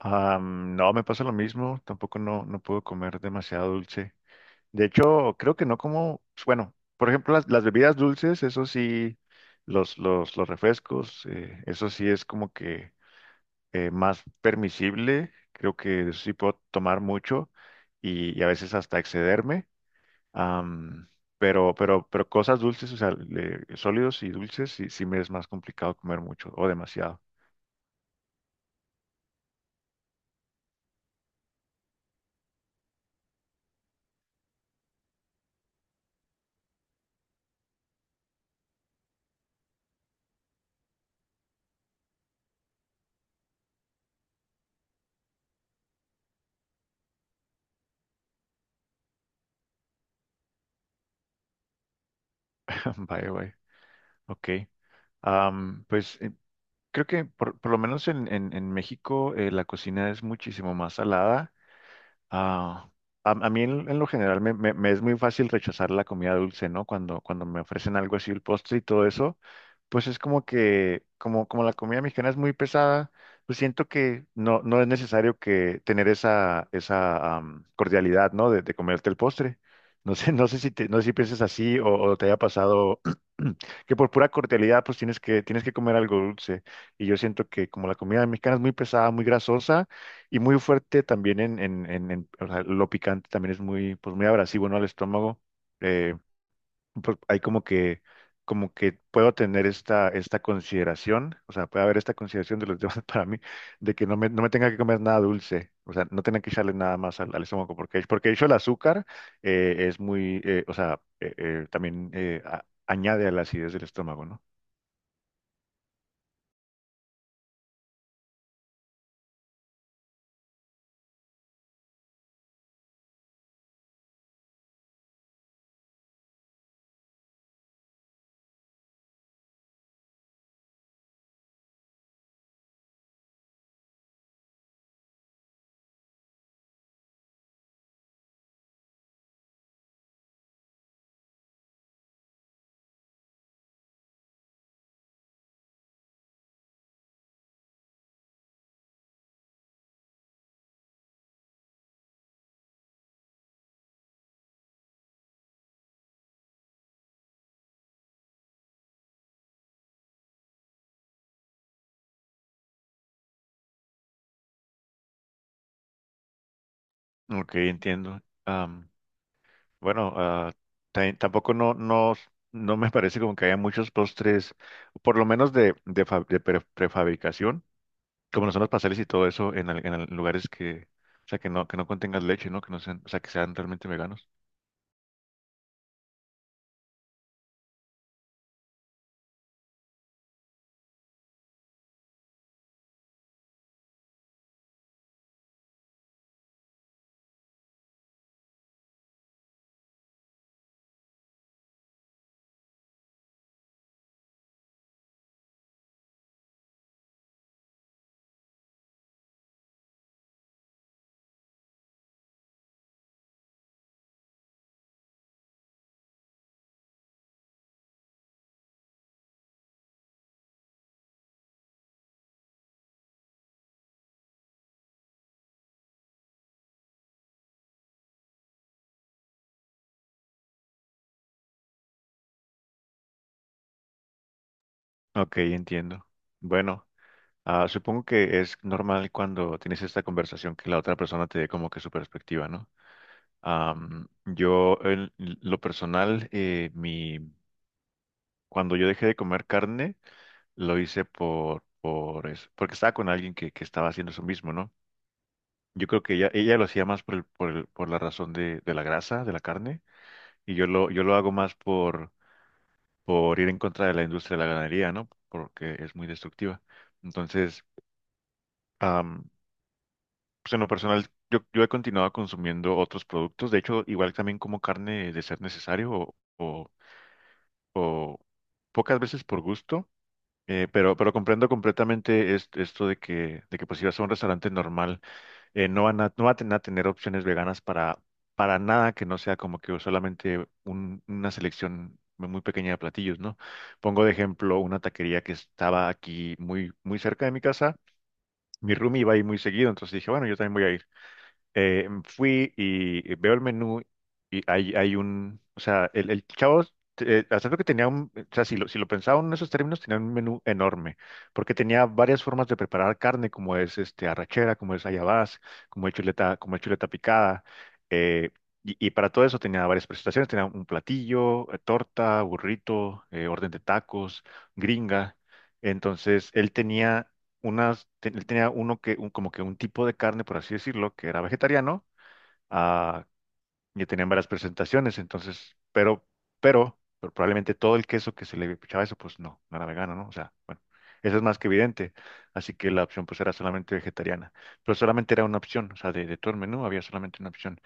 No, me pasa lo mismo, tampoco no puedo comer demasiado dulce. De hecho, creo que no como, pues, bueno, por ejemplo, las bebidas dulces, eso sí, los refrescos, eso sí es como que más permisible, creo que sí puedo tomar mucho y a veces hasta excederme. Am, pero cosas dulces, o sea, sólidos y dulces, sí me es más complicado comer mucho o demasiado. Vaya, vaya, ok. Pues, creo que por lo menos en México, la cocina es muchísimo más salada. Ah, a mí en lo general me es muy fácil rechazar la comida dulce, ¿no? Cuando me ofrecen algo así, el postre y todo eso, pues es como que, como la comida mexicana es muy pesada, pues siento que no es necesario que tener esa cordialidad, ¿no? De comerte el postre. No sé si piensas así o te haya pasado que por pura cordialidad pues tienes que comer algo dulce. Y yo siento que como la comida mexicana es muy pesada, muy grasosa, y muy fuerte también o sea, lo picante también es muy, pues muy abrasivo, ¿no? Al estómago. Eh, pues hay como que puedo tener esta consideración, o sea, puede haber esta consideración de los demás para mí, de que no me tenga que comer nada dulce, o sea, no tenga que echarle nada más al estómago, porque de hecho el azúcar es muy, o sea, también añade a la acidez del estómago, ¿no? Ok, entiendo. Bueno, ah, tampoco no me parece como que haya muchos postres, por lo menos de prefabricación, como lo son los pasteles y todo eso en lugares que, o sea, que no contengan leche, ¿no? Que no sean, o sea, que sean realmente veganos. Ok, entiendo. Bueno, ah, supongo que es normal cuando tienes esta conversación que la otra persona te dé como que su perspectiva, ¿no? Yo, en lo personal, cuando yo dejé de comer carne, lo hice por eso, porque estaba con alguien que estaba haciendo eso mismo, ¿no? Yo creo que ella lo hacía más por la razón de la grasa, de la carne, y yo lo hago más por ir en contra de la industria de la ganadería, ¿no? Porque es muy destructiva. Entonces, am, pues en lo personal, yo he continuado consumiendo otros productos. De hecho, igual también como carne de ser necesario o pocas veces por gusto. Pero comprendo completamente esto de que pues si vas a un restaurante normal, no van a tener a tener opciones veganas para nada que no sea como que solamente una selección muy pequeña de platillos, ¿no? Pongo de ejemplo una taquería que estaba aquí muy, muy cerca de mi casa. Mi roomie iba ahí muy seguido, entonces dije, bueno, yo también voy a, fui y veo el menú, y hay un, o sea, el chavo, a pesar que tenía un, o sea, si lo pensaba en esos términos, tenía un menú enorme, porque tenía varias formas de preparar carne, como es este, arrachera, como es ayabás, como es chuleta picada, eh, y para todo eso tenía varias presentaciones, tenía un platillo, torta, burrito, orden de tacos, gringa. Entonces, él tenía uno que, como que un tipo de carne, por así decirlo, que era vegetariano. ah, y tenían varias presentaciones, entonces, pero probablemente todo el queso que se le echaba eso, pues no era vegano, ¿no? O sea, bueno, eso es más que evidente, así que la opción pues era solamente vegetariana, pero solamente era una opción, o sea, de todo el menú había solamente una opción.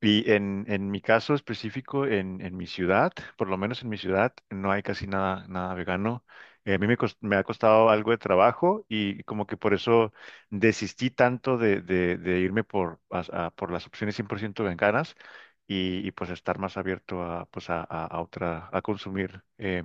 Y en mi caso específico, en mi ciudad, por lo menos en mi ciudad, no hay casi nada, nada vegano. A me ha costado algo de trabajo y como que por eso desistí tanto de irme por las opciones 100% veganas, pues estar más abierto a, pues a consumir,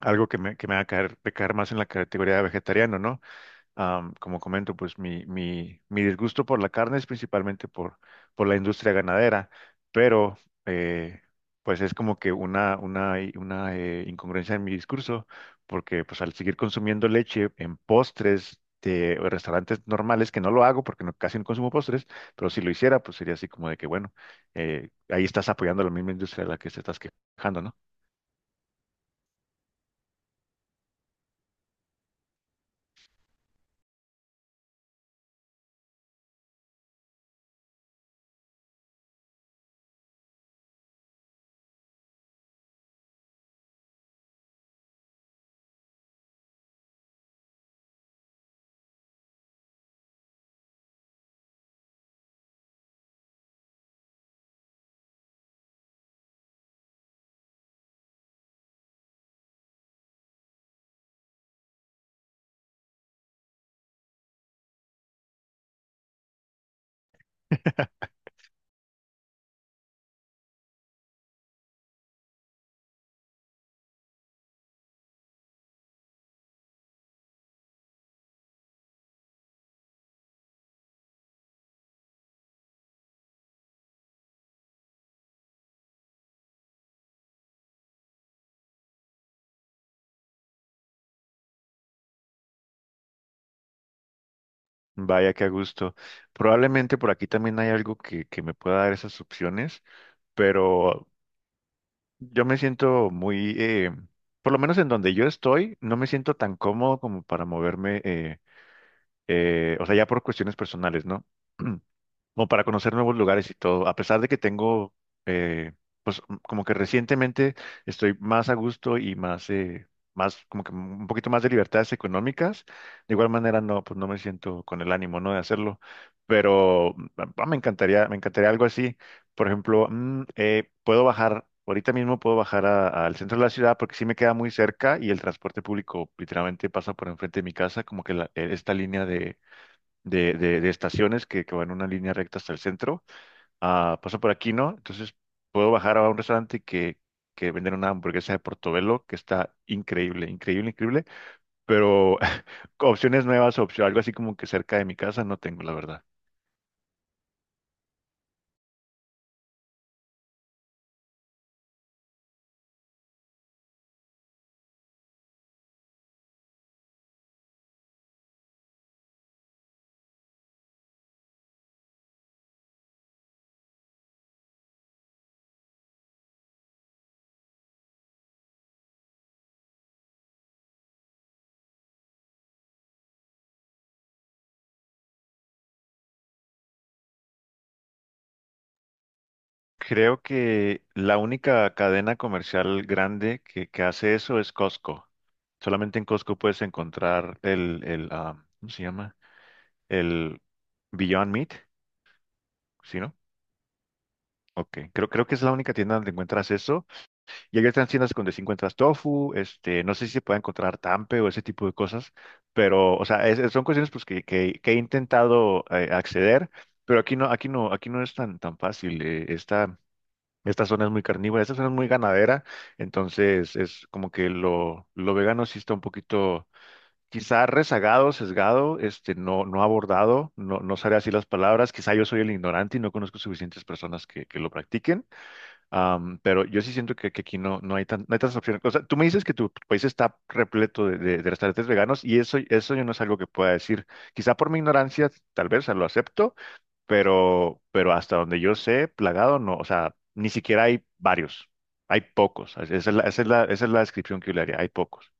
algo que me haga caer, de caer más en la categoría de vegetariano, ¿no? Como comento, pues mi disgusto por la carne es principalmente por la industria ganadera, pero, eh, pues es como que una incongruencia en mi discurso, porque pues al seguir consumiendo leche en postres de restaurantes normales, que no lo hago porque casi no consumo postres, pero si lo hiciera, pues sería así como de que, bueno, ahí estás apoyando la misma industria de la que te estás quejando, ¿no? Vaya que a gusto. Probablemente por aquí también hay algo que me pueda dar esas opciones. Pero yo me siento muy, por lo menos en donde yo estoy, no me siento tan cómodo como para moverme, o sea, ya por cuestiones personales, ¿no? Como para conocer nuevos lugares y todo, a pesar de que tengo, eh, pues como que recientemente estoy más a gusto y más, más, como que un poquito más de libertades económicas. De igual manera no, pues no me siento con el ánimo, ¿no?, de hacerlo, pero me encantaría algo así, por ejemplo. Puedo bajar. Ahorita mismo puedo bajar al centro de la ciudad, porque sí me queda muy cerca y el transporte público literalmente pasa por enfrente de mi casa, como que esta línea de estaciones que van en una línea recta hasta el centro. Ah, paso por aquí, ¿no? Entonces puedo bajar a un restaurante que venden una hamburguesa de Portobelo que está increíble, increíble, increíble. Pero opciones nuevas, opción, algo así como que cerca de mi casa no tengo, la verdad. Creo que la única cadena comercial grande que hace eso es Costco. Solamente en Costco puedes encontrar el ¿cómo se llama? El Beyond Meat, ¿sí, no? Ok, creo que es la única tienda donde encuentras eso. Y hay otras tiendas donde sí encuentras tofu, este, no sé si se puede encontrar tampe o ese tipo de cosas, pero, o sea, son cuestiones pues, que he intentado, acceder, pero aquí no, aquí no, aquí no es tan, tan fácil. Esta zona es muy carnívora, esta zona es muy ganadera, entonces es como que lo vegano sí está un poquito, quizá rezagado, sesgado, este, no, no abordado, no, no sabré así las palabras. Quizá yo soy el ignorante y no conozco suficientes personas que lo practiquen. Pero yo sí siento que aquí no, no hay tantas opciones. O sea, tú me dices que tu país está repleto de restaurantes veganos, y eso yo no es algo que pueda decir. Quizá por mi ignorancia, tal vez, o sea, lo acepto, pero hasta donde yo sé, plagado no. O sea, ni siquiera hay varios. Hay pocos. Esa es la, esa es la, esa es la descripción que yo le haría. Hay pocos.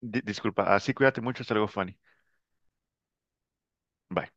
Disculpa, así cuídate mucho. Hasta luego, Fanny. Bye.